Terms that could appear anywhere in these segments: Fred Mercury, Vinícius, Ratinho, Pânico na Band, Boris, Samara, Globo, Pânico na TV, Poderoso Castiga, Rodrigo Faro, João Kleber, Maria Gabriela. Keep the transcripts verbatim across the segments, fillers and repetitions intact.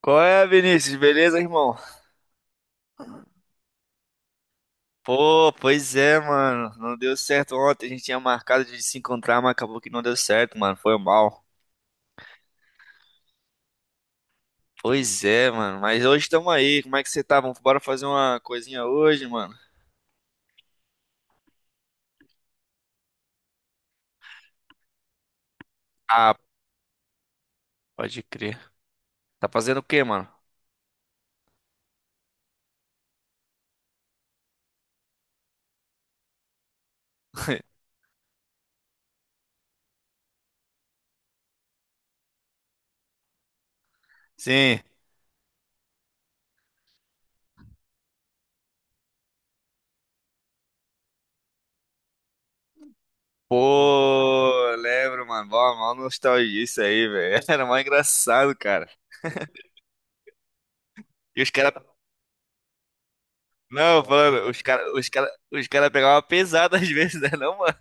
Qual é, Vinícius? Beleza, irmão? Pô, pois é, mano. Não deu certo ontem. A gente tinha marcado de se encontrar, mas acabou que não deu certo, mano. Foi mal. Pois é, mano. Mas hoje estamos aí. Como é que você tá? Vamos bora fazer uma coisinha hoje, mano? Ah, pode crer. Tá fazendo o quê, mano? Sim. Pô, lembro, mano. Mó, mó nostalgia isso aí, velho. Era mó engraçado, cara. E os caras. Não, falando, os caras os cara, os cara pegavam pesado às vezes, né? Não, mano?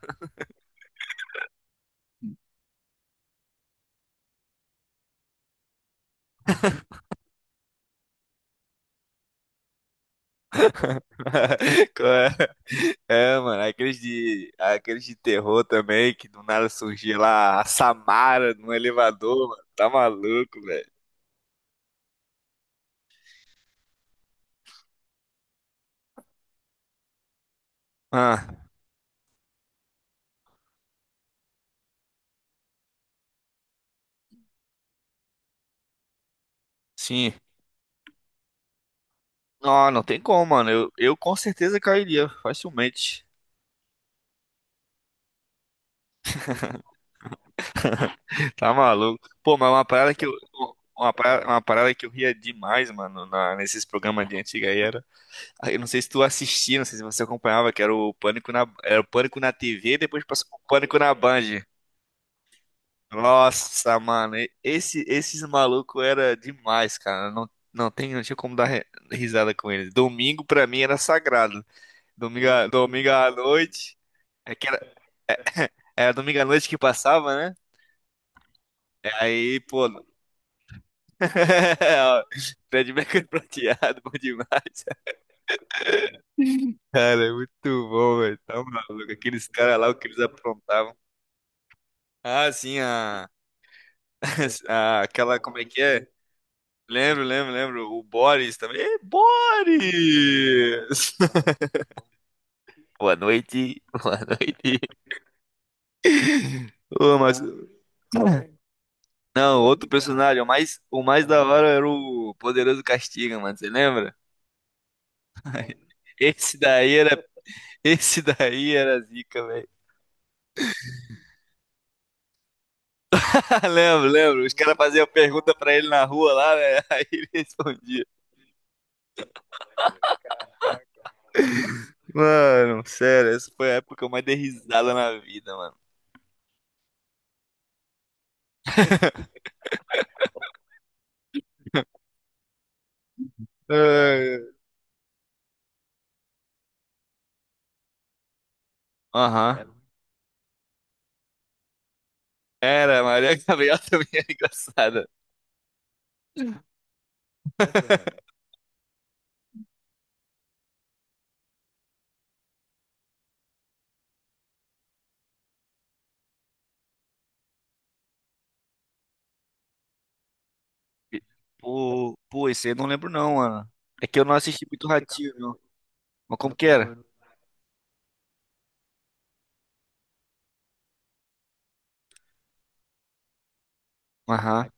Qual é? É, mano, aqueles de, aqueles de terror também, que do nada surgia lá a Samara no elevador, mano. Tá maluco, velho. Ah, sim. Não, não tem como, mano. Eu, eu com certeza cairia, facilmente. Tá maluco. Pô, mas é uma parada que eu. Uma parada, uma parada que eu ria demais, mano, na- nesses programas de antiga era. Aí Eu não sei se tu assistia, não sei se você acompanhava, que era o Pânico na, era o Pânico na tê vê, depois passou o Pânico na Band. Nossa, mano, e- esse, esses malucos era demais, cara. Não, não tem, não tinha como dar re- risada com eles. Domingo pra mim era sagrado. Domingo, à- domingo à noite. É que era, era domingo à noite que passava, né? É, aí, pô. Ó, Fred Mercury prateado, bom demais. Cara, é muito bom, velho. Tá maluco. Aqueles caras lá, o que eles aprontavam. Ah, sim, a, a- aquela, como é que é? Lembro, lembro, lembro. O Boris também. Ê, Boris! Boa noite, boa noite. Ô, mas... Não, outro personagem, o mais, o mais da hora era o Poderoso Castiga, mano, você lembra? Esse daí era, esse daí era zica, velho. Ah, lembro, lembro. Os caras faziam pergunta pra ele na rua lá, né? Aí ele respondia. Mano, sério, essa foi a época que eu mais dei risada na vida, mano. É. Aham. Era, a Maria Gabriela também era engraçada. Pô, pô, esse aí eu não lembro não, mano. É que eu não assisti muito Ratinho, não. Mas como que era? Aham.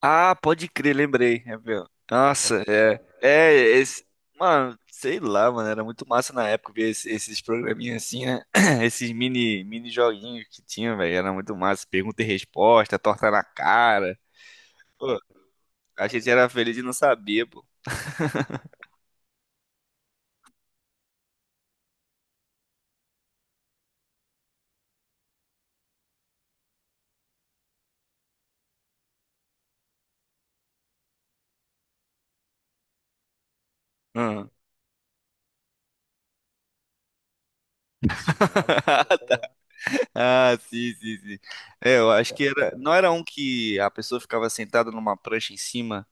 Ah, pode crer, lembrei. É, meu. Nossa, é. É, esse... Mano, sei lá, mano. Era muito massa na época ver esse- esses programinhas assim, né? Esses mini, mini joguinhos que tinha, velho. Era muito massa. Pergunta e resposta, torta na cara. Pô, a gente era feliz de não saber, pô. Hum. Ah, sim, sim, sim. É, eu acho que era, não era um que a pessoa ficava sentada numa prancha em cima,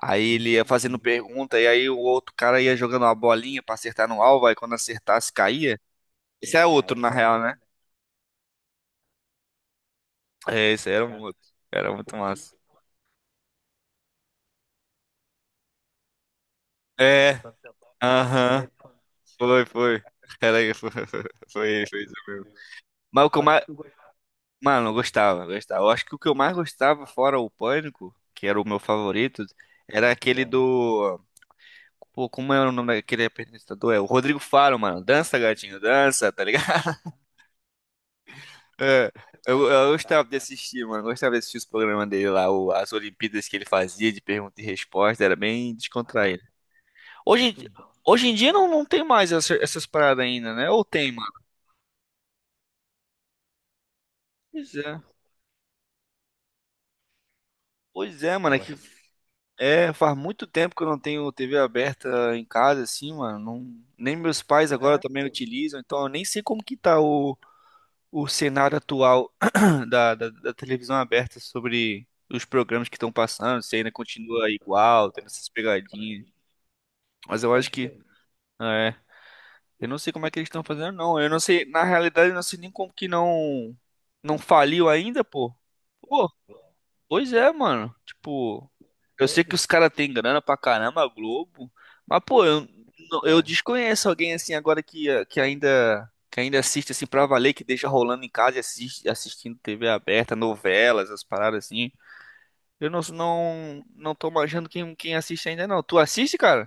aí ele ia fazendo pergunta, e aí o outro cara ia jogando uma bolinha pra acertar no alvo, aí quando acertasse caía. Esse é outro, na real, né? É, esse era um outro. Era muito massa. É, aham. Foi, foi. Era, foi, foi, foi. Isso. Mas o que eu mais. Mano, eu gostava, gostava. Eu acho que o que eu mais gostava, fora o Pânico, que era o meu favorito, era aquele do. Pô, como é o nome daquele apresentador? É o Rodrigo Faro, mano. Dança, gatinho, dança, tá ligado? É, eu, eu gostava de assistir, mano. Eu gostava de assistir os programas dele lá, o- as Olimpíadas que ele fazia de pergunta e resposta, era bem descontraído. Hoje, em di- hoje em dia não, não, tem mais essa- essas paradas ainda, né? Ou tem, mano? Pois é. Pois é, mano. É, que, é, faz muito tempo que eu não tenho tê vê aberta em casa, assim, mano. Não- nem meus pais agora É, também utilizam, então eu nem sei como que tá o cenário atual da, da, da televisão aberta sobre os programas que estão passando, se ainda continua igual, tendo essas pegadinhas. Mas eu acho que. Ah, é. Eu não sei como é que eles estão fazendo, não. Eu não sei. Na realidade, eu não sei nem como que não. Não faliu ainda, pô. Pô, pois é, mano. Tipo, eu sei que os caras têm grana pra caramba, a Globo. Mas, pô, eu, eu desconheço alguém assim agora que, que ainda. Que ainda assiste assim pra valer, que deixa rolando em casa e assiste, assistindo tê vê aberta, novelas, as paradas assim. Eu não, não, não tô manjando quem, quem assiste ainda não. Tu assiste, cara?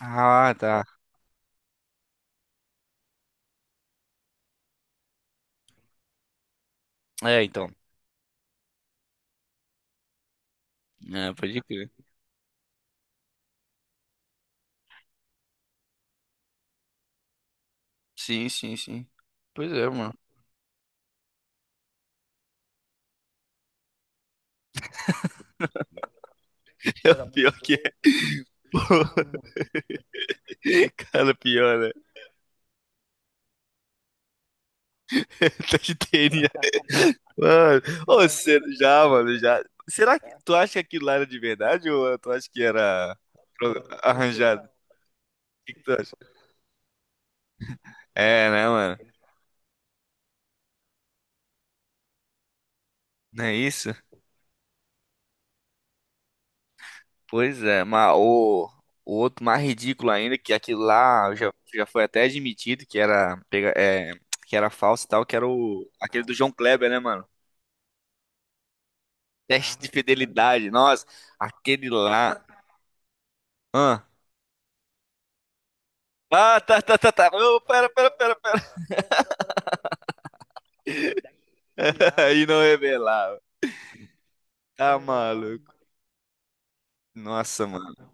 Ah, tá. É, então. É, pode crer. Sim, sim, sim. Pois é, mano. Pior que é. Cara, pior, né? Tá de. Mano, ô, se- já, mano, já. Será que tu acha que aquilo lá era de verdade ou tu acha que era pro- arranjado? O que que tu acha? É, né, mano? Não é isso? Pois é, mas o, o outro mais ridículo ainda, que aquilo lá já, já foi até admitido que era, pega- é, que era falso e tal, que era o, aquele do João Kleber, né, mano? Teste de fidelidade, nossa, aquele lá. Ah, ah tá, tá, tá, tá. Ô, pera, pera, pera, pera. E não revelava. Tá maluco. Nossa, mano.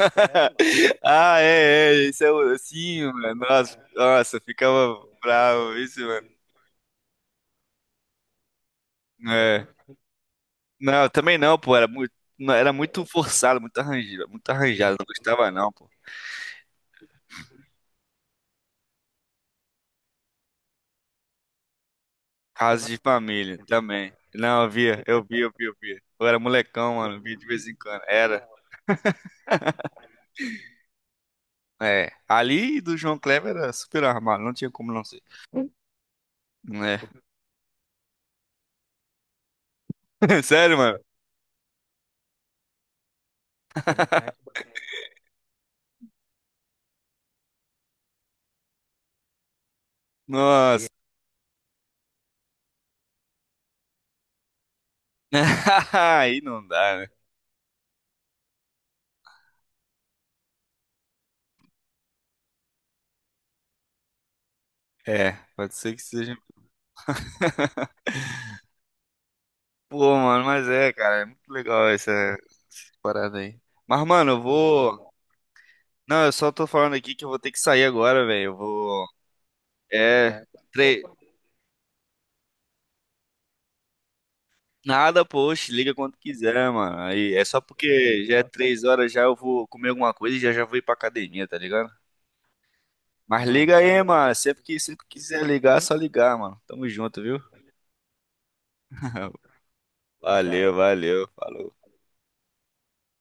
Ah, é, é, isso é o- sim, mano. Nossa, nossa, eu ficava bravo, isso, mano. É. Não, eu também não, pô, era muito, não, era muito forçado, muito arranjado, muito arranjado, não gostava não, pô. Casos de família também. Não, eu via, eu via, eu via, eu via. Eu era molecão, mano, via de vez em quando. Era. É, ali do João Kleber era super armado, não tinha como não ser. É. Sério, mano? Nossa. Aí não dá, né? É, pode ser que seja. Pô, mano, mas é, cara, é muito legal essa parada aí. Mas, mano, eu vou. Não, eu só tô falando aqui que eu vou ter que sair agora, velho. Eu vou. É. Tre... Nada, poxa, liga quando quiser, mano. Aí é só porque já é três horas já eu vou comer alguma coisa e já já vou ir pra academia, tá ligado? Mas liga aí, mano. Sempre que sempre quiser ligar, é só ligar, mano. Tamo junto, viu? Valeu, valeu. Falou.